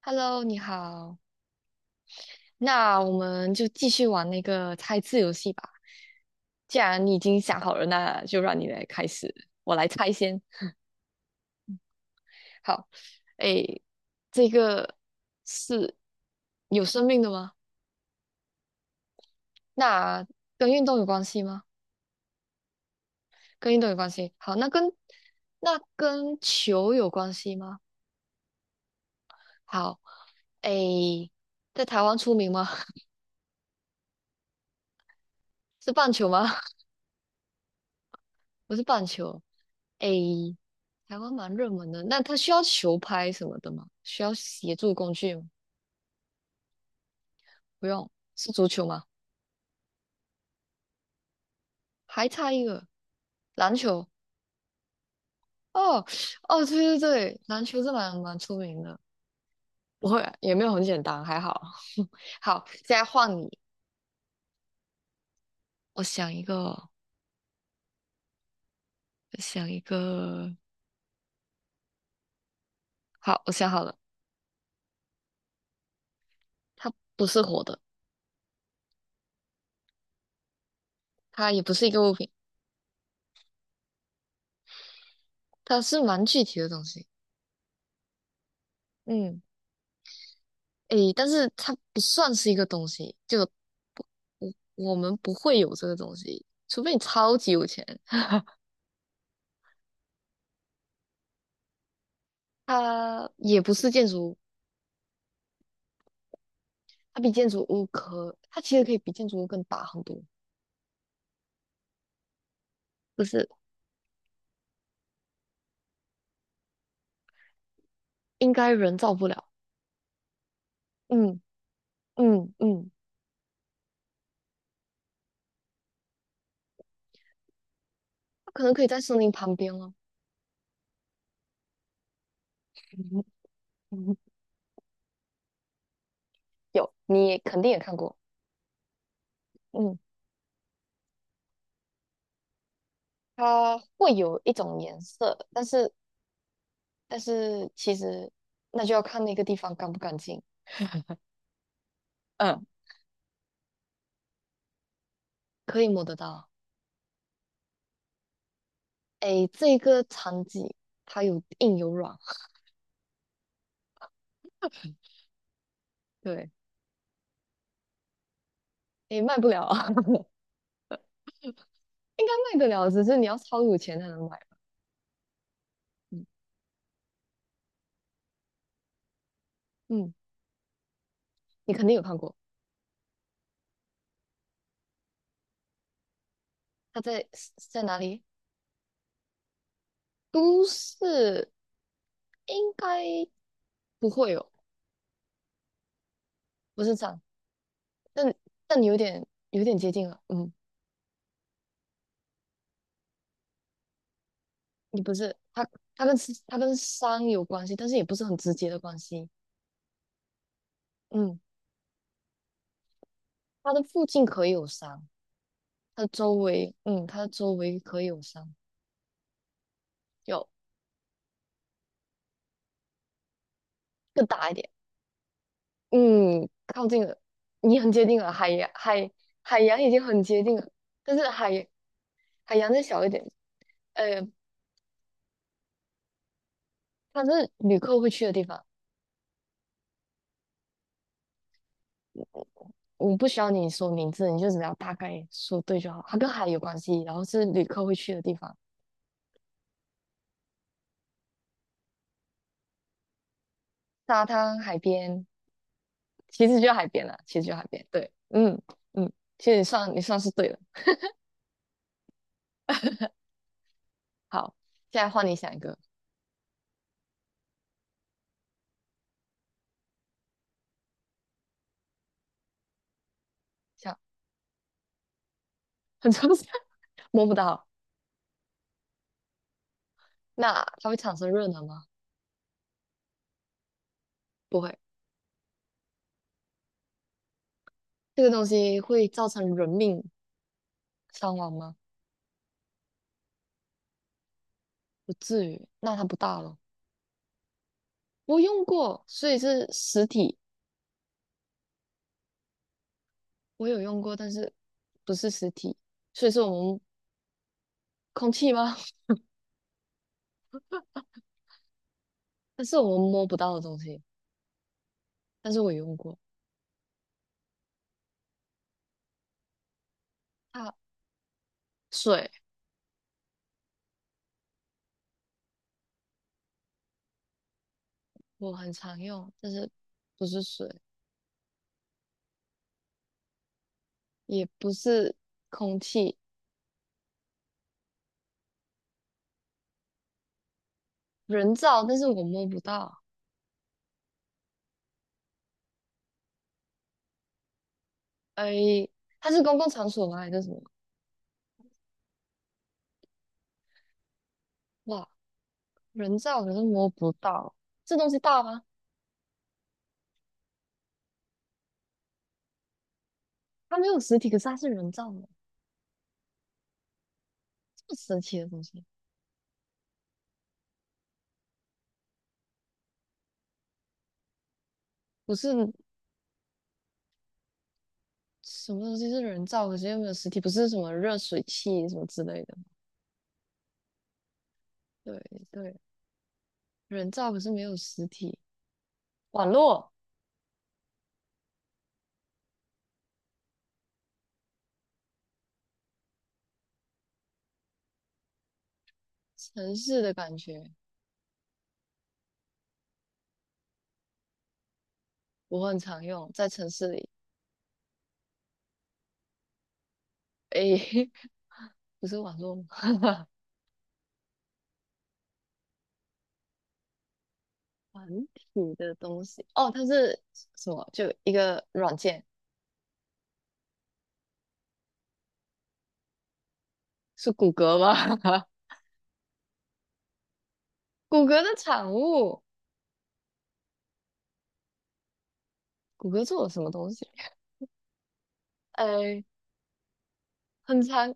Hello，你好。那我们就继续玩那个猜字游戏吧。既然你已经想好了，那就让你来开始，我来猜先。好，诶，这个是有生命的吗？那跟运动有关系吗？跟运动有关系。好，那跟球有关系吗？好，诶，在台湾出名吗？是棒球吗？不是棒球。A，台湾蛮热门的，那它需要球拍什么的吗？需要协助工具吗？不用，是足球吗？还差一个篮球。哦哦，对对对，篮球是蛮出名的，不会也没有很简单，还好。好，现在换你，我想一个，我想一个。好，我想好了，它不是活的，它也不是一个物品，它是蛮具体的东西。嗯，诶，但是它不算是一个东西，就我们不会有这个东西，除非你超级有钱。它也不是建筑，物，它比建筑物可，它其实可以比建筑物更大很多，就是应该人造不了。嗯嗯，它可能可以在森林旁边了。嗯嗯有，你也肯定也看过。嗯，它会有一种颜色，但是但是其实那就要看那个地方干不干净。嗯，可以摸得到。诶，这个场景它有硬有软，对。也卖不了啊，应该卖得了，只是你要超有钱才能买吧。嗯嗯，你肯定有看过，它在哪里？都市应该不会有，不是这样，但但有点接近了。嗯，你不是它，它跟它跟山有关系，但是也不是很直接的关系。嗯，它的附近可以有山，它的周围，嗯，它的周围可以有山，有更大一点。嗯，靠近了，你很接近了，海洋已经很接近了，但是海洋再小一点，呃，它是旅客会去的地方，我不需要你说名字，你就只要大概说对就好。它跟海有关系，然后是旅客会去的地方，沙滩、海边，其实就海边了，其实就海边。对，嗯嗯，其实你算是对了。好，现在换你想一个，想很抽象，摸不到。那它会产生热能吗？不会，这个东西会造成人命。伤亡吗？不至于，那它不大了。我用过，所以是实体，我有用过，但是不是实体，所以是我们空气吗？但是我们摸不到的东西，但是我有用过。它水我很常用，但是不是水，也不是空气，人造，但是我摸不到。哎，它是公共场所吗？还是什么？哇，人造可是摸不到，这东西大吗？它没有实体，可是它是人造的，这么神奇的东西。不是什么东西是人造，可是又没有实体？不是什么热水器什么之类的。对对，人造可是没有实体。网络，城市的感觉，我很常用，在城市里。诶，不是网络吗，团体的东西。哦，它是什么？就一个软件，是谷歌吗？谷歌的产物，谷歌做了什么东西？诶，很长，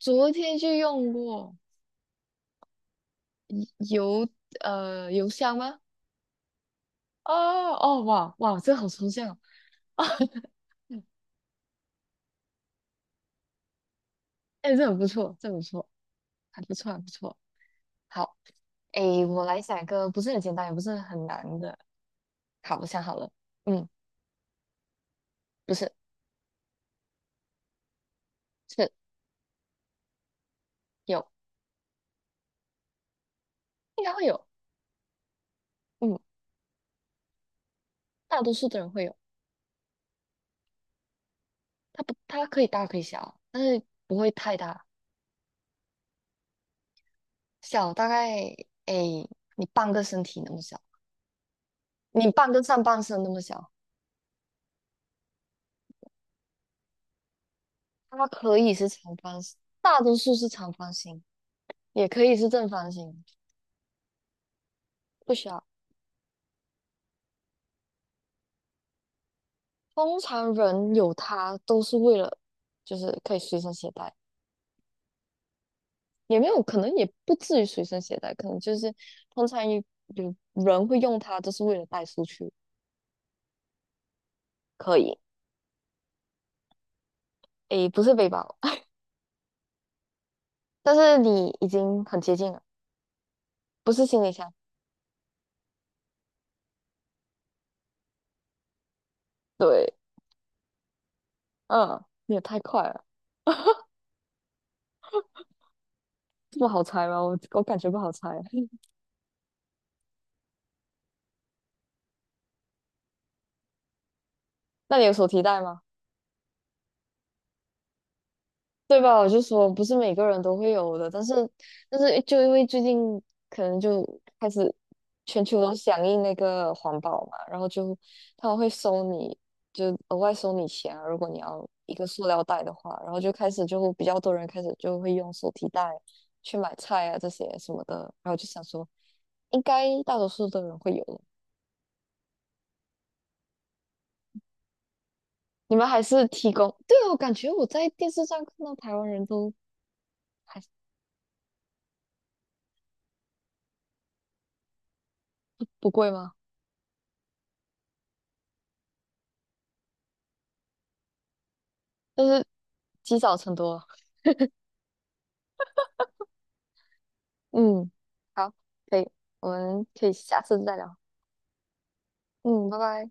昨天就用过邮邮箱吗？哦哦哇哇，这好抽象啊！哎，这很不错，这很不错，还不错，还不错。好，哎，我来想一个不是很简单，也不是很难的。好，我想好了，嗯，不是，是有，应该会有，嗯，大多数的人会有。它不，它可以大可以小啊，但是不会太大，小大概哎，你半个身体那么小，你半个上半身那么小。它可以是长方形，大多数是长方形，也可以是正方形，不需要。通常人有它都是为了，就是可以随身携带，也没有可能也不至于随身携带，可能就是通常有人会用它，就是为了带出去。可以，诶，不是背包，但是你已经很接近了，不是行李箱。对，嗯，你也太快了，这么好猜吗？我感觉不好猜。那你有手提袋吗？对吧？我就说不是每个人都会有的，但是但是就因为最近可能就开始全球都响应那个环保嘛，然后就他们会收你，就额外收你钱啊，如果你要一个塑料袋的话，然后就开始就比较多人开始就会用手提袋去买菜啊这些什么的，然后就想说应该大多数的人会有的，你们还是提供，对啊，我感觉我在电视上看到台湾人都还不贵吗？就是积少成多啊。嗯，好，可以，我们可以下次再聊。嗯，拜拜。